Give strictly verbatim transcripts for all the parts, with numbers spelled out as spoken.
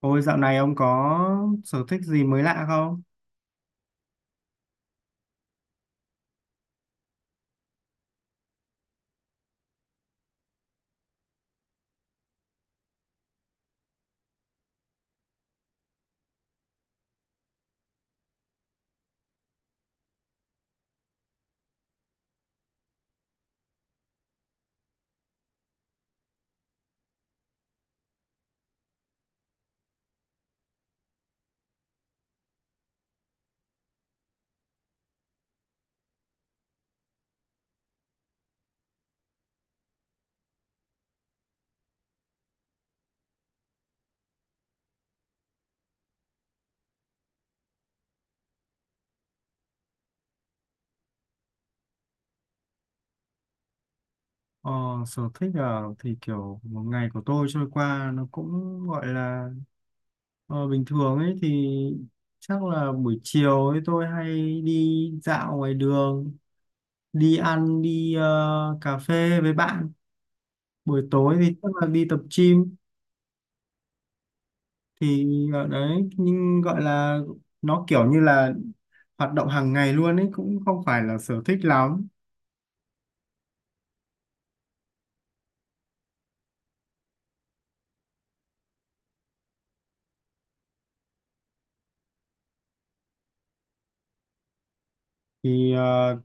Ôi dạo này ông có sở thích gì mới lạ không? Ờ, Sở thích à? Thì kiểu một ngày của tôi trôi qua nó cũng gọi là ờ, bình thường ấy, thì chắc là buổi chiều ấy tôi hay đi dạo ngoài đường, đi ăn, đi ờ, cà phê với bạn. Buổi tối thì chắc là đi tập gym thì ở đấy, nhưng gọi là nó kiểu như là hoạt động hàng ngày luôn ấy, cũng không phải là sở thích lắm. thì ờ,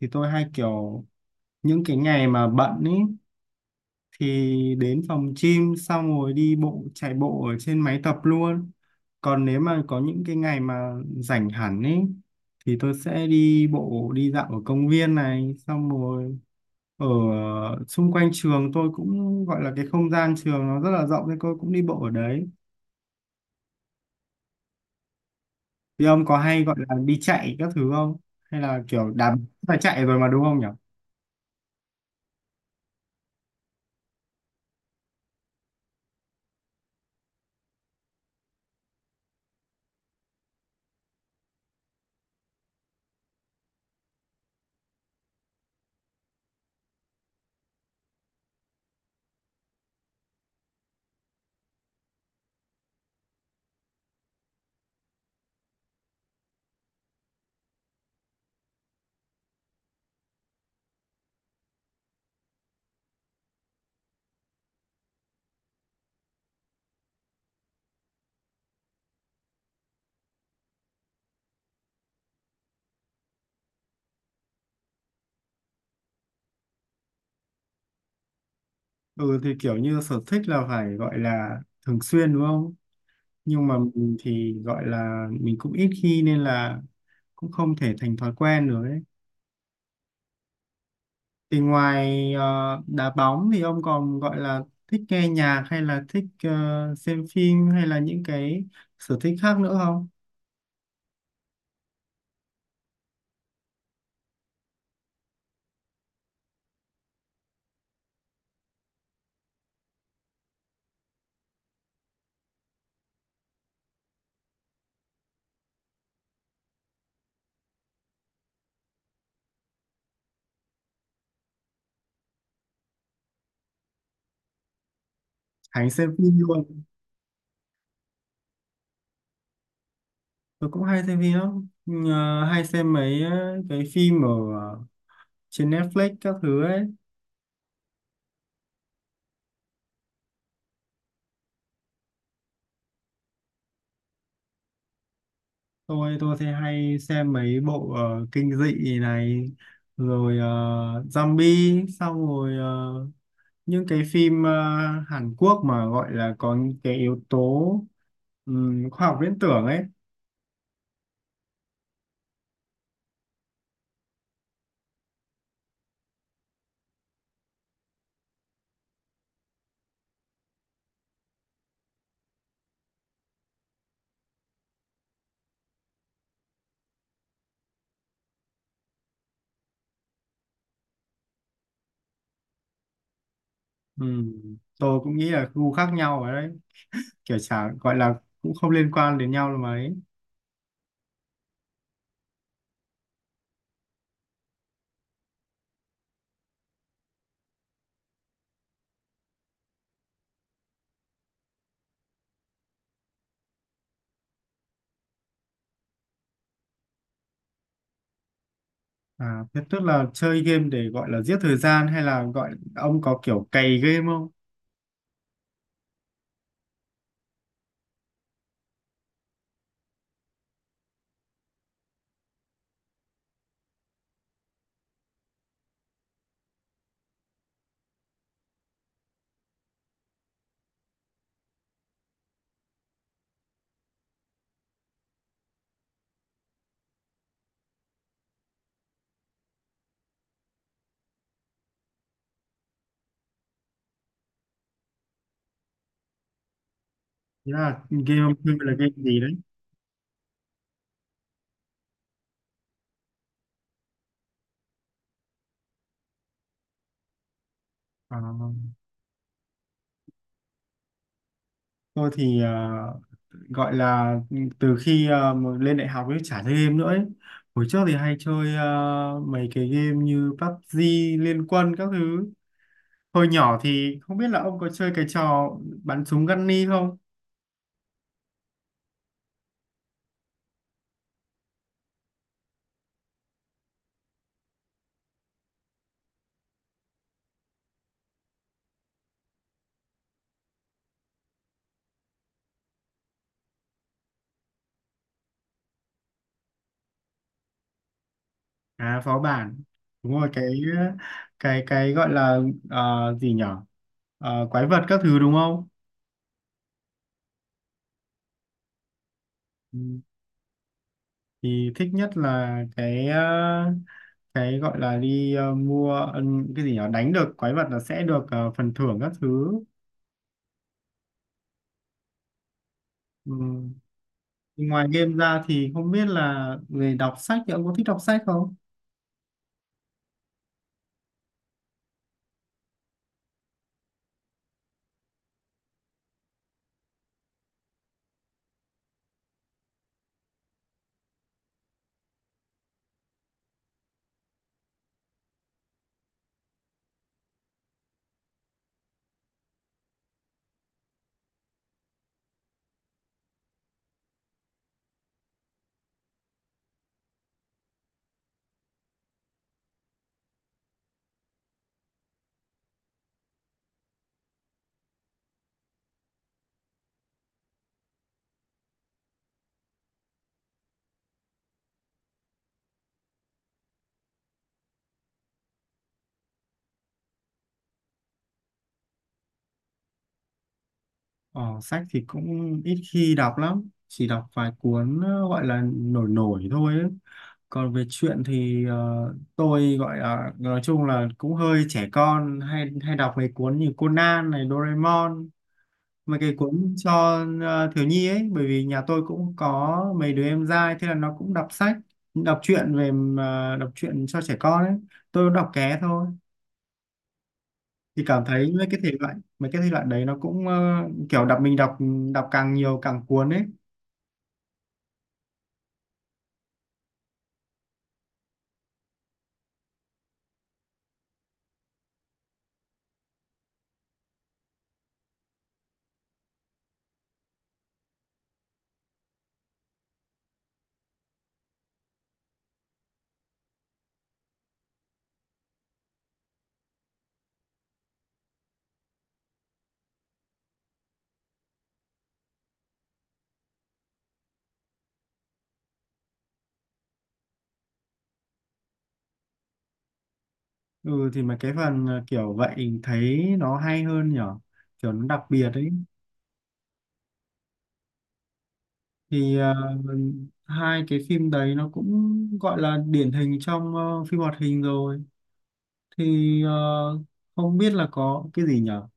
thì tôi hay kiểu những cái ngày mà bận ý thì đến phòng gym xong rồi đi bộ chạy bộ ở trên máy tập luôn. Còn nếu mà có những cái ngày mà rảnh hẳn ý thì tôi sẽ đi bộ đi dạo ở công viên này, xong rồi ở xung quanh trường tôi cũng gọi là cái không gian trường nó rất là rộng nên tôi cũng đi bộ ở đấy. Thì ông có hay gọi là đi chạy các thứ không, hay là kiểu đạp, phải chạy rồi mà đúng không nhỉ? Ừ, thì kiểu như sở thích là phải gọi là thường xuyên đúng không, nhưng mà mình thì gọi là mình cũng ít khi, nên là cũng không thể thành thói quen nữa ấy. Thì ngoài ờ, đá bóng thì ông còn gọi là thích nghe nhạc hay là thích ờ, xem phim, hay là những cái sở thích khác nữa không? Hãy xem phim luôn. Tôi cũng hay xem phim lắm. Ờ, hay xem mấy ờ, cái phim ở ờ, trên Netflix các thứ ấy. Tôi tôi thì hay xem mấy bộ ờ, kinh dị này, rồi ờ, zombie, xong rồi ờ, những cái phim ờ, Hàn Quốc mà gọi là có những cái yếu tố ừm, khoa học viễn tưởng ấy. Ừm, tôi cũng nghĩ là gu khác nhau ở đấy, kiểu chả gọi là cũng không liên quan đến nhau là mấy. À thế tức là chơi game để gọi là giết thời gian, hay là gọi ông có kiểu cày game không? Thế là game ông chơi là game gì đấy? À, tôi thì ờ, gọi là ừ, từ khi ờ, mà lên đại học ấy chả chơi game nữa ấy. Hồi trước thì hay chơi ờ, mấy cái game như PUBG, Liên Quân các thứ. Hồi nhỏ thì không biết là ông có chơi cái trò bắn súng Gunny không? À phó bản. Đúng rồi, cái cái cái gọi là ờ, gì nhở? Ờ, quái vật các thứ đúng không? Ừ. Thì thích nhất là cái ờ, cái gọi là đi ờ, mua ừ, cái gì nhở, đánh được quái vật là sẽ được ờ, phần thưởng các thứ. Ừ. Ngoài game ra thì không biết là về đọc sách thì ông có thích đọc sách không? Ờ, sách thì cũng ít khi đọc lắm, chỉ đọc vài cuốn ờ, gọi là nổi nổi thôi ấy. Còn về truyện thì ờ, tôi gọi là nói chung là cũng hơi trẻ con, hay hay đọc mấy cuốn như Conan này, Doraemon, mấy cái cuốn cho ờ, thiếu nhi ấy, bởi vì nhà tôi cũng có mấy đứa em trai, thế là nó cũng đọc sách, đọc truyện về ờ, đọc truyện cho trẻ con ấy. Tôi cũng đọc ké thôi. Thì cảm thấy mấy cái thể loại, mấy cái thể loại đấy nó cũng ờ, kiểu đọc, mình đọc đọc càng nhiều càng cuốn ấy. Ừ, thì mấy cái phần ờ, kiểu vậy thấy nó hay hơn nhở, kiểu nó đặc biệt ấy. thì ờ, Hai cái phim đấy nó cũng gọi là điển hình trong ờ, phim hoạt hình rồi. thì ờ, Không biết là có cái gì nhở.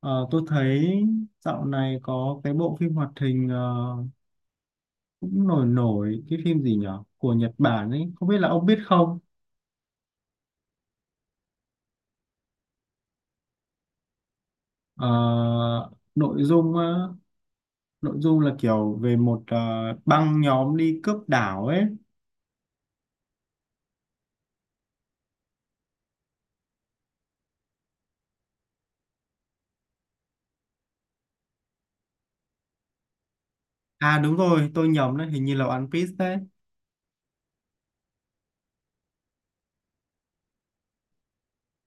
Ờ, tôi thấy dạo này có cái bộ phim hoạt hình ờ, cũng nổi nổi, cái phim gì nhở của Nhật Bản ấy, không biết là ông biết không? Ờ, nội dung á, nội dung là kiểu về một ờ, băng nhóm đi cướp đảo ấy. À đúng rồi, tôi nhầm đấy, hình như là One Piece đấy.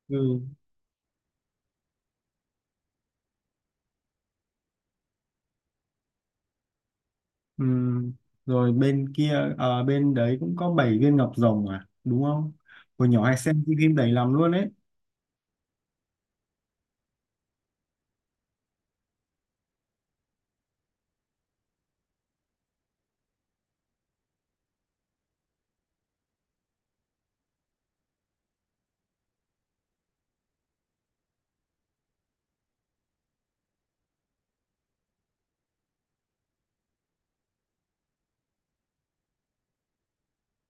Ừ. Ừm, rồi bên kia ờ, bên đấy cũng có bảy viên ngọc rồng à đúng không? Hồi nhỏ hay xem cái phim đấy lắm luôn ấy.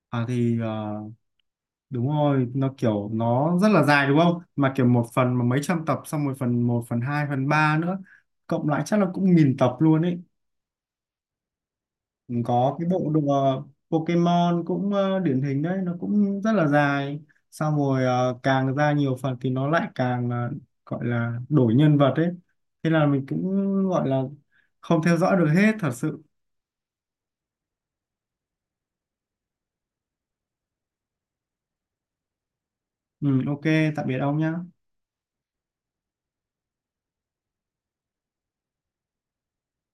à thì ờ, Đúng rồi, nó kiểu nó rất là dài đúng không, mà kiểu một phần mà mấy trăm tập, xong rồi phần một phần hai phần ba nữa, cộng lại chắc là cũng nghìn tập luôn ấy. Có cái bộ đùa Pokemon cũng ờ, điển hình đấy, nó cũng rất là dài, xong rồi ờ, càng ra nhiều phần thì nó lại càng ờ, gọi là đổi nhân vật ấy, thế là mình cũng gọi là không theo dõi được hết thật sự. Ừ, ok, tạm biệt ông nhé.